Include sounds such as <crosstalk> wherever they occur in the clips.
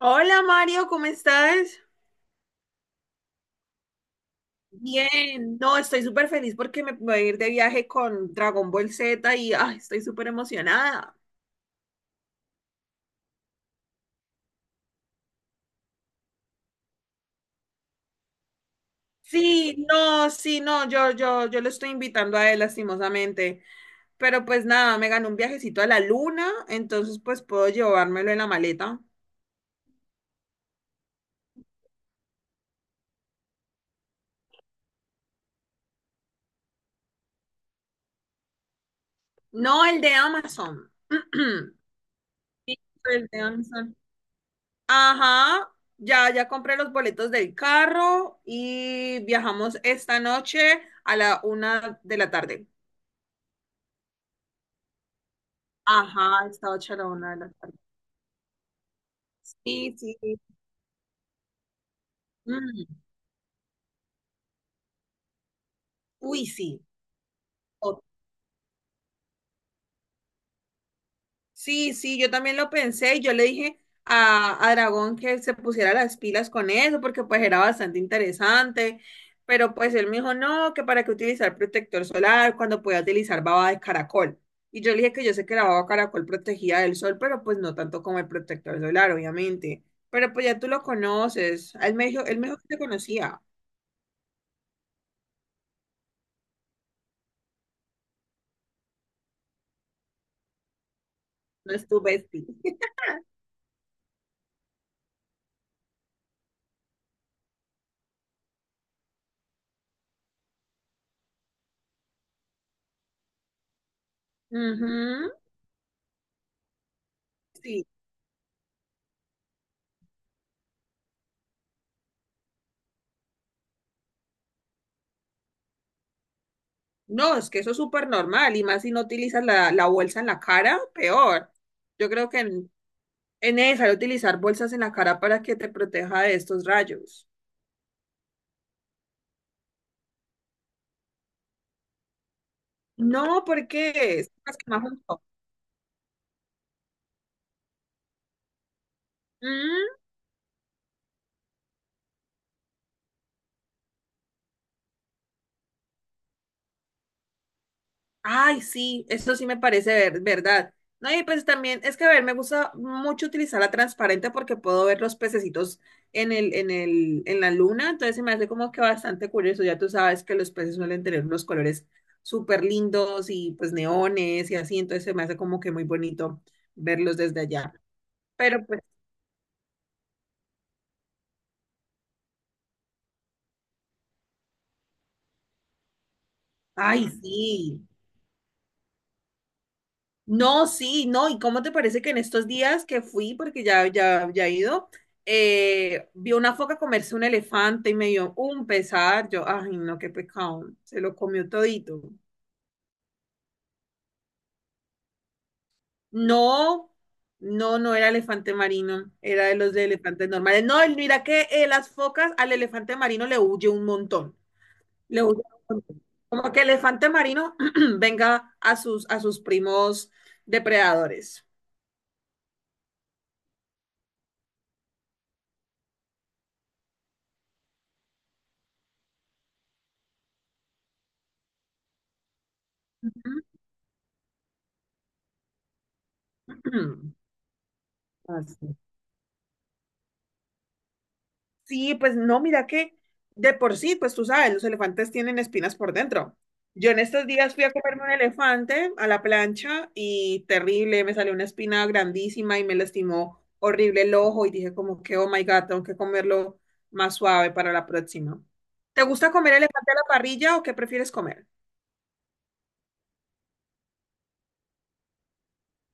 Hola Mario, ¿cómo estás? Bien, no, estoy súper feliz porque me voy a ir de viaje con Dragon Ball Z y ay, estoy súper emocionada. Sí, no, sí, no, yo lo estoy invitando a él lastimosamente, pero pues nada, me ganó un viajecito a la luna, entonces pues puedo llevármelo en la maleta. No, el de Amazon. <clears throat> Sí, el de Amazon. Ajá, ya, ya compré los boletos del carro y viajamos esta noche a la una de la tarde. Ajá, esta noche a la una de la tarde. Sí, sí. Mm, uy, sí. Sí, sí, yo también lo pensé y yo le dije a Dragón que se pusiera las pilas con eso porque pues era bastante interesante, pero pues él me dijo, no, que para qué utilizar protector solar cuando podía utilizar baba de caracol. Y yo le dije que yo sé que la baba de caracol protegía del sol, pero pues no tanto como el protector solar, obviamente. Pero pues ya tú lo conoces, él me dijo que te conocía, no es tu bestie. Ujú. No, es que eso es súper normal y más si no utilizas la bolsa en la cara, peor. Yo creo que en- es necesario utilizar bolsas en la cara para que te proteja de estos rayos. No, ¿por qué? Es más que más junto. Mm. Ay, sí, eso sí me parece verdad. No, y pues también es que, a ver, me gusta mucho utilizar la transparente porque puedo ver los pececitos en la luna, entonces se me hace como que bastante curioso. Ya tú sabes que los peces suelen tener unos colores súper lindos y pues neones y así, entonces se me hace como que muy bonito verlos desde allá. Pero pues, ay, sí. No, sí, no, ¿y cómo te parece que en estos días que fui, porque ya, ya, ya he ido, vi una foca comerse un elefante y me dio un pesar, yo, ay, no, qué pecado, se lo comió todito. No, no, no era elefante marino, era de los de elefantes normales. No, y mira que las focas al elefante marino le huye un montón, le huye un montón. Como que el elefante marino <clears throat> venga a sus primos depredadores. <clears throat> Así. Sí, pues no, mira que de por sí, pues tú sabes, los elefantes tienen espinas por dentro. Yo en estos días fui a comerme un elefante a la plancha y terrible, me salió una espina grandísima y me lastimó horrible el ojo y dije como que, oh my God, tengo que comerlo más suave para la próxima. ¿Te gusta comer elefante a la parrilla o qué prefieres comer?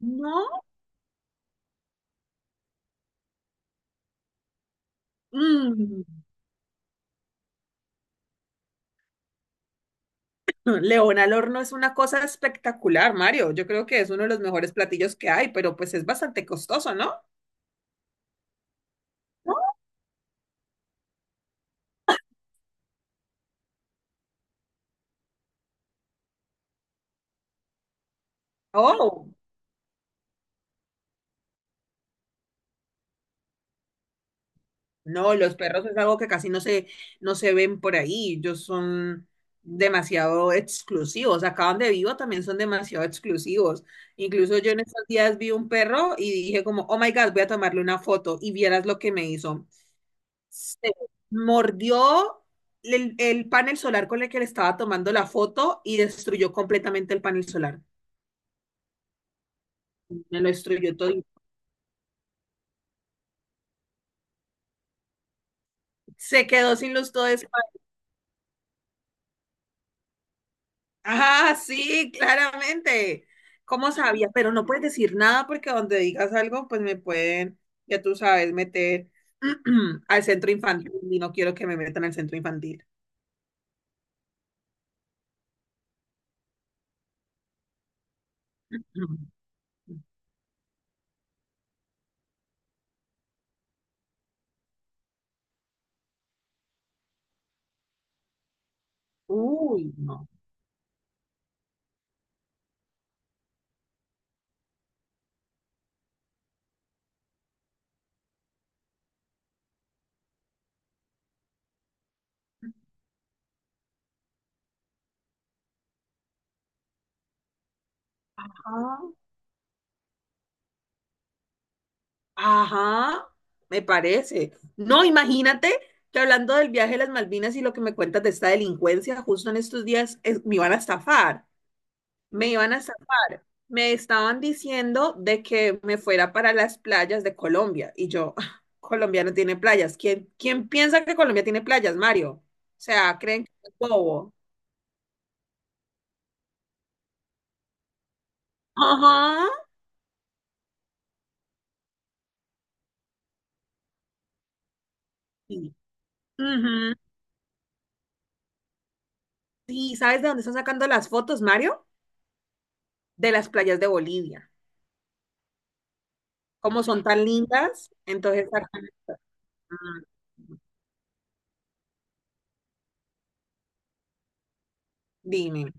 No. Mm. León al horno es una cosa espectacular, Mario. Yo creo que es uno de los mejores platillos que hay, pero pues es bastante costoso, ¿no? Oh. No, los perros es algo que casi no se ven por ahí. Ellos son demasiado exclusivos. Acá donde vivo también son demasiado exclusivos. Incluso yo en estos días vi un perro y dije como, oh my God, voy a tomarle una foto y vieras lo que me hizo. Se mordió el panel solar con el que le estaba tomando la foto y destruyó completamente el panel solar. Me lo destruyó todo. Se quedó sin luz todo. Ah, sí, claramente. ¿Cómo sabía? Pero no puedes decir nada porque donde digas algo, pues me pueden, ya tú sabes, meter <clears throat> al centro infantil y no quiero que me metan al centro infantil. <clears throat> Uy, no. Ajá. Ajá, me parece. No, imagínate que hablando del viaje a las Malvinas y lo que me cuentas de esta delincuencia, justo en estos días me iban a estafar. Me iban a zafar. Me estaban diciendo de que me fuera para las playas de Colombia. Y yo, "Ah, Colombia no tiene playas. ¿Quién piensa que Colombia tiene playas, Mario? O sea, creen que es bobo". Ajá. Sí. Ujú. Sí, ¿sabes de dónde están sacando las fotos, Mario? De las playas de Bolivia. Como son tan lindas, entonces Ah, dime.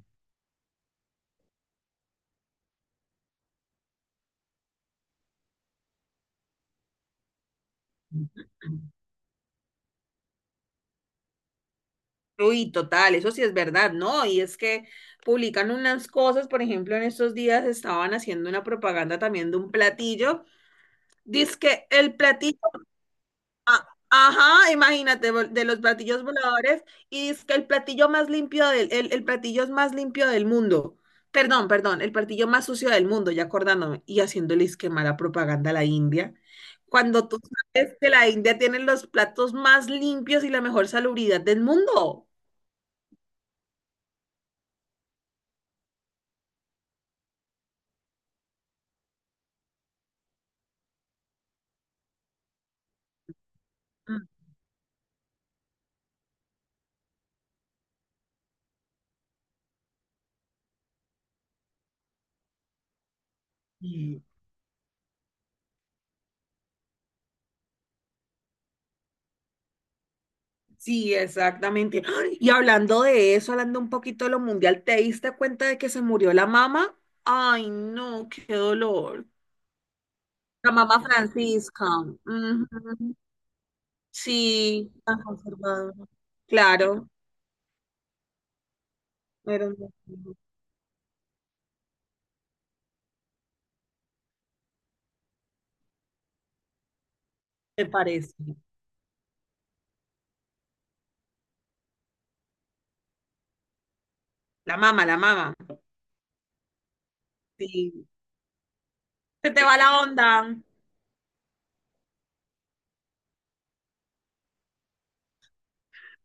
Uy, total, eso sí es verdad, ¿no? Y es que publican unas cosas, por ejemplo, en estos días estaban haciendo una propaganda también de un platillo. Dice el platillo, ajá, imagínate, de los platillos voladores, y dice el platillo más limpio el platillo es más limpio del mundo. Perdón, perdón, el platillo más sucio del mundo, ya acordándome, y haciéndole que mala propaganda a la India. Cuando tú sabes que la India tiene los platos más limpios y la mejor salubridad del mundo. Mm. Sí, exactamente. ¡Ah! Y hablando de eso, hablando un poquito de lo mundial, ¿te diste cuenta de que se murió la mamá? Ay, no, qué dolor. La mamá Francisca. Ujú. Sí, tan conservadora. Claro, era un- me parece. La mamá, la mamá. Sí. Se te va la onda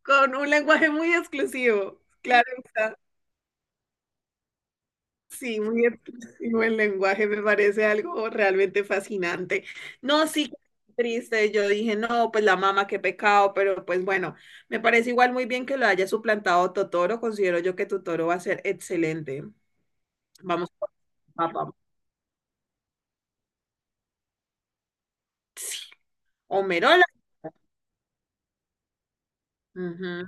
con un lenguaje muy exclusivo. Claro. Sí, muy expresivo el lenguaje, me parece algo realmente fascinante. No, sí, triste, yo dije, no, pues la mamá, qué pecado, pero pues bueno, me parece igual muy bien que lo haya suplantado Totoro, considero yo que Totoro va a ser excelente. Vamos por papá. Sí. Homerola. Ujú.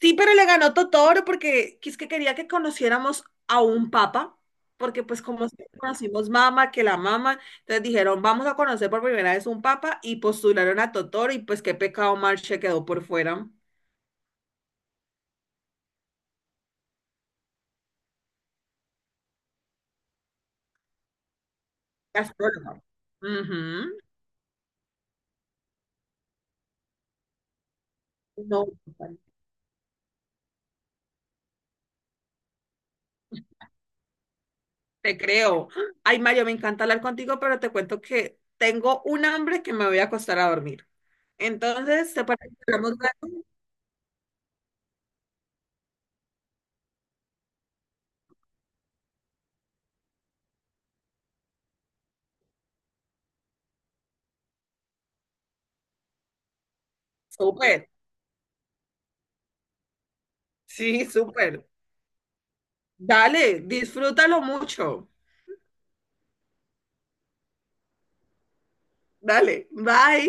Sí, pero le ganó Totoro porque es que quería que conociéramos a un papa, porque pues como siempre conocimos mama, que la mama, entonces dijeron, vamos a conocer por primera vez un papa y postularon a Totoro y pues qué pecado Marche quedó por fuera. Astróloga. Ujú. No, te creo. Ay, Mario, me encanta hablar contigo, pero te cuento que tengo un hambre que me voy a acostar a dormir. Entonces, ¿te parece que hablamos luego? Súper. Sí, súper. Dale, disfrútalo mucho. Dale, bye.